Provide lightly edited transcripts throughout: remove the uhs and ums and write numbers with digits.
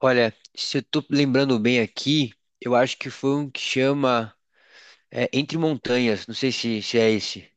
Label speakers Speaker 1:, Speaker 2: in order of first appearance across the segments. Speaker 1: Olha, se eu tô lembrando bem aqui, eu acho que foi um que chama Entre Montanhas. Não sei se é esse.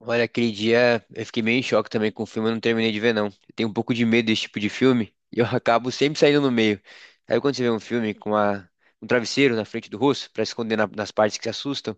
Speaker 1: Olha, aquele dia eu fiquei meio em choque também com o filme, eu não terminei de ver, não. Eu tenho um pouco de medo desse tipo de filme e eu acabo sempre saindo no meio. Sabe quando você vê um filme com um travesseiro na frente do rosto pra esconder nas partes que se assustam?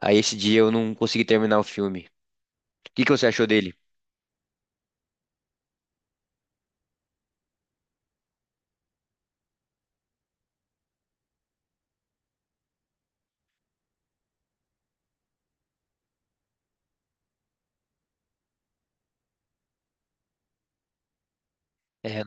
Speaker 1: Aí esse dia eu não consegui terminar o filme. O que que você achou dele? É,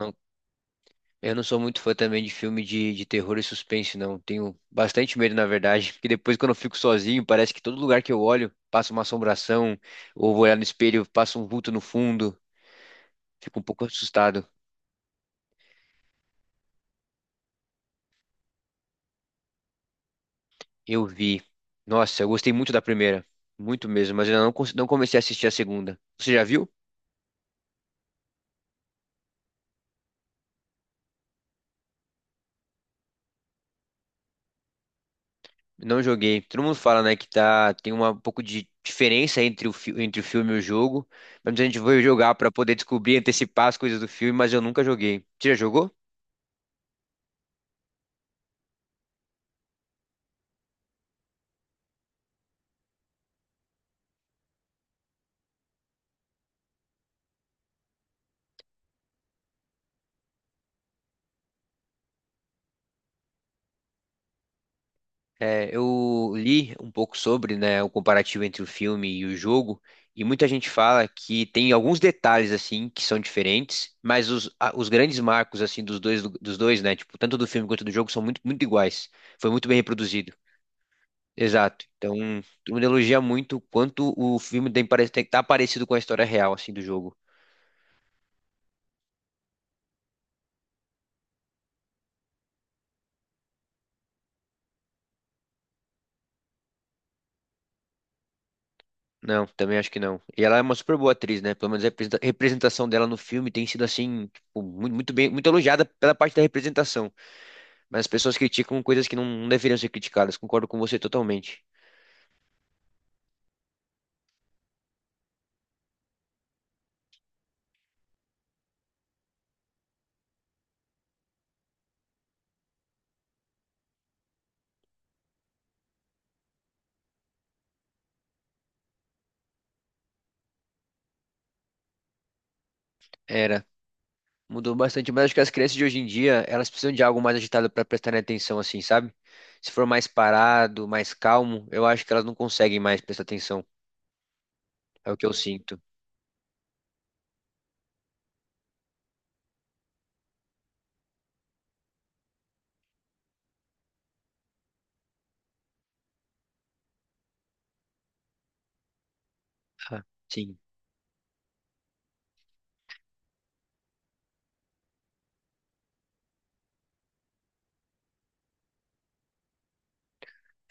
Speaker 1: eu não sou muito fã também de filme de terror e suspense, não. Tenho bastante medo, na verdade, porque depois quando eu fico sozinho, parece que todo lugar que eu olho passa uma assombração, ou vou olhar no espelho, passa um vulto no fundo. Fico um pouco assustado. Eu vi. Nossa, eu gostei muito da primeira. Muito mesmo, mas eu não, não comecei a assistir a segunda. Você já viu? Não joguei. Todo mundo fala, né, que tá, tem uma, um pouco de diferença entre o, entre o filme e o jogo. Mas a gente vai jogar pra poder descobrir, antecipar as coisas do filme, mas eu nunca joguei. Você já jogou? É, eu li um pouco sobre, né, o comparativo entre o filme e o jogo, e muita gente fala que tem alguns detalhes assim que são diferentes, mas os grandes marcos assim dos dois, né, tipo, tanto do filme quanto do jogo são muito iguais. Foi muito bem reproduzido. Exato. Então, todo mundo elogia muito quanto o filme tem, tem tá parecido com a história real assim do jogo. Não, também acho que não. E ela é uma super boa atriz, né? Pelo menos a representação dela no filme tem sido assim, tipo, muito bem, muito elogiada pela parte da representação. Mas as pessoas criticam coisas que não deveriam ser criticadas. Concordo com você totalmente. Era. Mudou bastante, mas acho que as crianças de hoje em dia, elas precisam de algo mais agitado para prestarem atenção, assim, sabe? Se for mais parado, mais calmo, eu acho que elas não conseguem mais prestar atenção. É o que eu sinto. Ah, sim.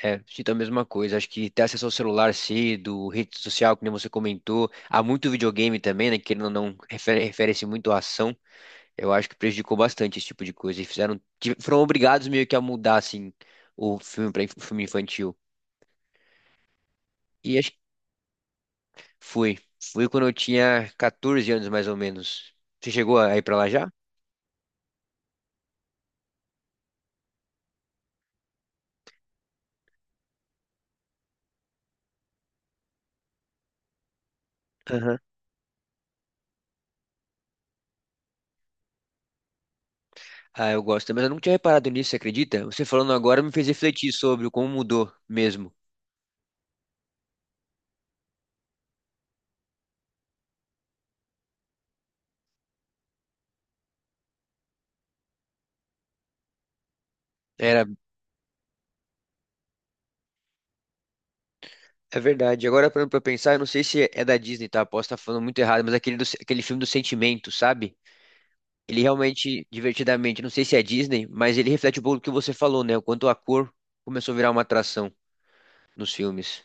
Speaker 1: É, sinto a mesma coisa. Acho que ter acesso ao celular cedo, rede social, que nem você comentou, há muito videogame também, né? Querendo ou não, refere-se muito à ação. Eu acho que prejudicou bastante esse tipo de coisa. E fizeram, foram obrigados meio que a mudar, assim, o filme para filme infantil. E acho que fui. Fui quando eu tinha 14 anos, mais ou menos. Você chegou a ir pra lá já? Aham. Ah, eu gosto, mas eu não tinha reparado nisso, você acredita? Você falando agora me fez refletir sobre como mudou mesmo. Era. É verdade. Agora, parando pra pensar, eu não sei se é da Disney, tá? Posso estar falando muito errado, mas aquele, aquele filme do sentimento, sabe? Ele realmente, divertidamente, não sei se é Disney, mas ele reflete um pouco do que você falou, né? O quanto a cor começou a virar uma atração nos filmes.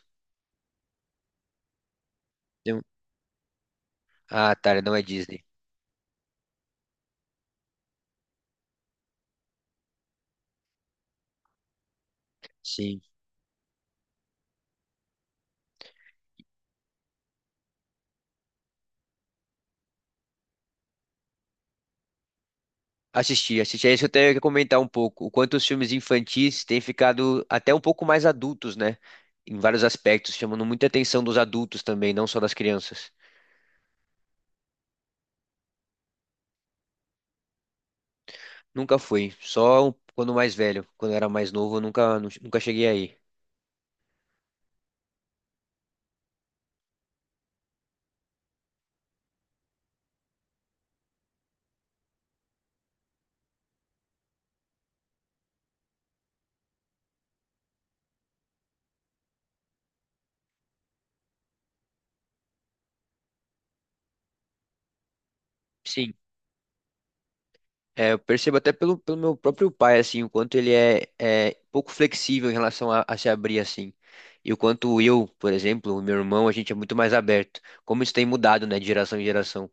Speaker 1: Tem- um, Ah, tá, não é Disney. Sim. Assisti, assisti. É isso que eu tenho que comentar um pouco. O quanto os filmes infantis têm ficado até um pouco mais adultos, né? Em vários aspectos, chamando muita atenção dos adultos também, não só das crianças. Nunca fui, só quando mais velho. Quando eu era mais novo, eu nunca, nunca cheguei aí. Sim, é, eu percebo até pelo meu próprio pai, assim, o quanto ele é, é pouco flexível em relação a se abrir, assim. E o quanto eu, por exemplo, o meu irmão, a gente é muito mais aberto. Como isso tem mudado, né, de geração em geração.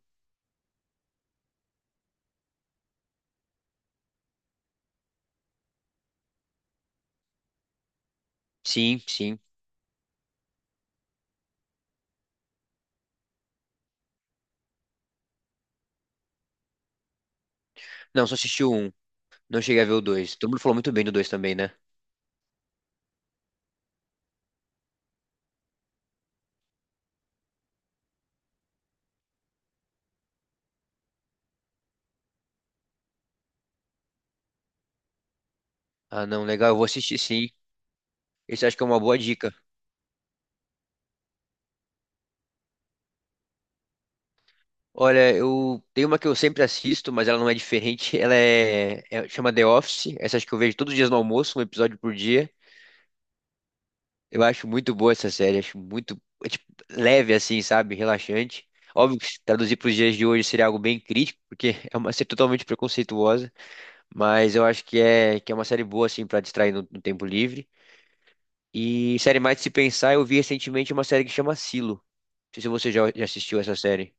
Speaker 1: Sim, sim. Não, só assisti o um, não cheguei a ver o dois. Todo mundo falou muito bem do dois também, né? Ah, não, legal, eu vou assistir sim. Esse acho que é uma boa dica. Olha, eu tenho uma que eu sempre assisto, mas ela não é diferente. Ela é, chama The Office. Essa acho que eu vejo todos os dias no almoço, um episódio por dia. Eu acho muito boa essa série, acho muito é, tipo, leve assim, sabe? Relaxante. Óbvio que se traduzir para os dias de hoje seria algo bem crítico, porque é uma série totalmente preconceituosa, mas eu acho que é uma série boa assim para distrair no tempo livre. E série mais de se pensar, eu vi recentemente uma série que chama Silo. Não sei se você já assistiu essa série.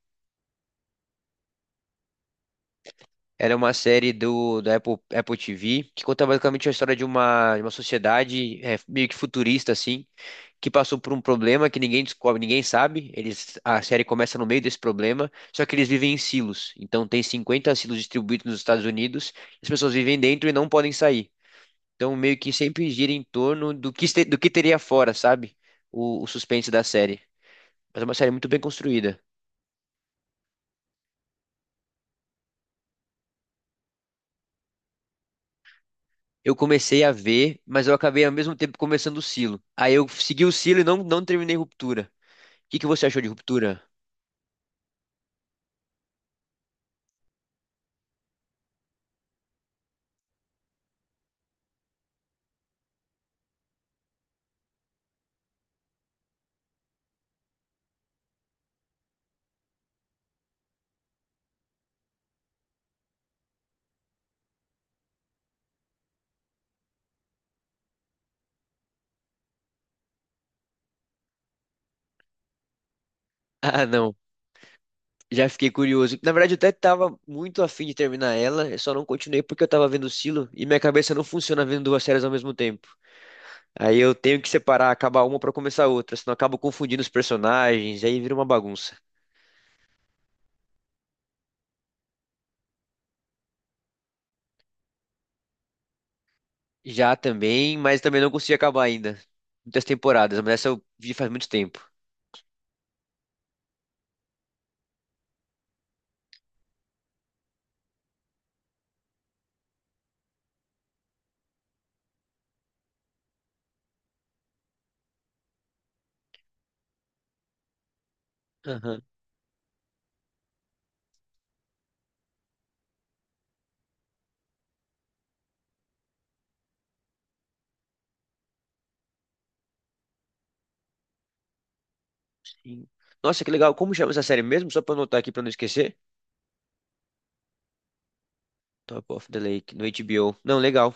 Speaker 1: Era uma série do, da Apple, Apple TV que conta basicamente a história de uma sociedade é, meio que futurista, assim, que passou por um problema que ninguém descobre, ninguém sabe. Eles, a série começa no meio desse problema, só que eles vivem em silos. Então tem 50 silos distribuídos nos Estados Unidos, as pessoas vivem dentro e não podem sair. Então meio que sempre gira em torno do que, do que teria fora, sabe? O suspense da série. Mas é uma série muito bem construída. Eu comecei a ver, mas eu acabei ao mesmo tempo começando o Silo. Aí eu segui o Silo e não, não terminei Ruptura. O que que você achou de Ruptura? Ah, não. Já fiquei curioso. Na verdade, eu até tava muito afim de terminar ela, eu só não continuei porque eu tava vendo o Silo e minha cabeça não funciona vendo duas séries ao mesmo tempo. Aí eu tenho que separar, acabar uma pra começar outra, senão eu acabo confundindo os personagens, aí vira uma bagunça. Já também, mas também não consegui acabar ainda. Muitas temporadas, mas essa eu vi faz muito tempo. Sim. Nossa, que legal. Como chama essa série mesmo? Só pra eu anotar aqui pra não esquecer. Top of the Lake, no HBO. Não, legal.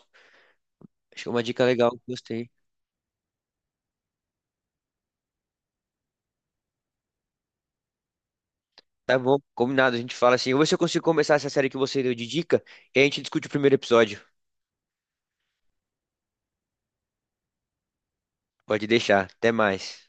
Speaker 1: Acho que é uma dica legal. Gostei. Tá bom, combinado. A gente fala assim. Eu vou ver se eu consigo começar essa série que você deu de dica e a gente discute o primeiro episódio. Pode deixar. Até mais.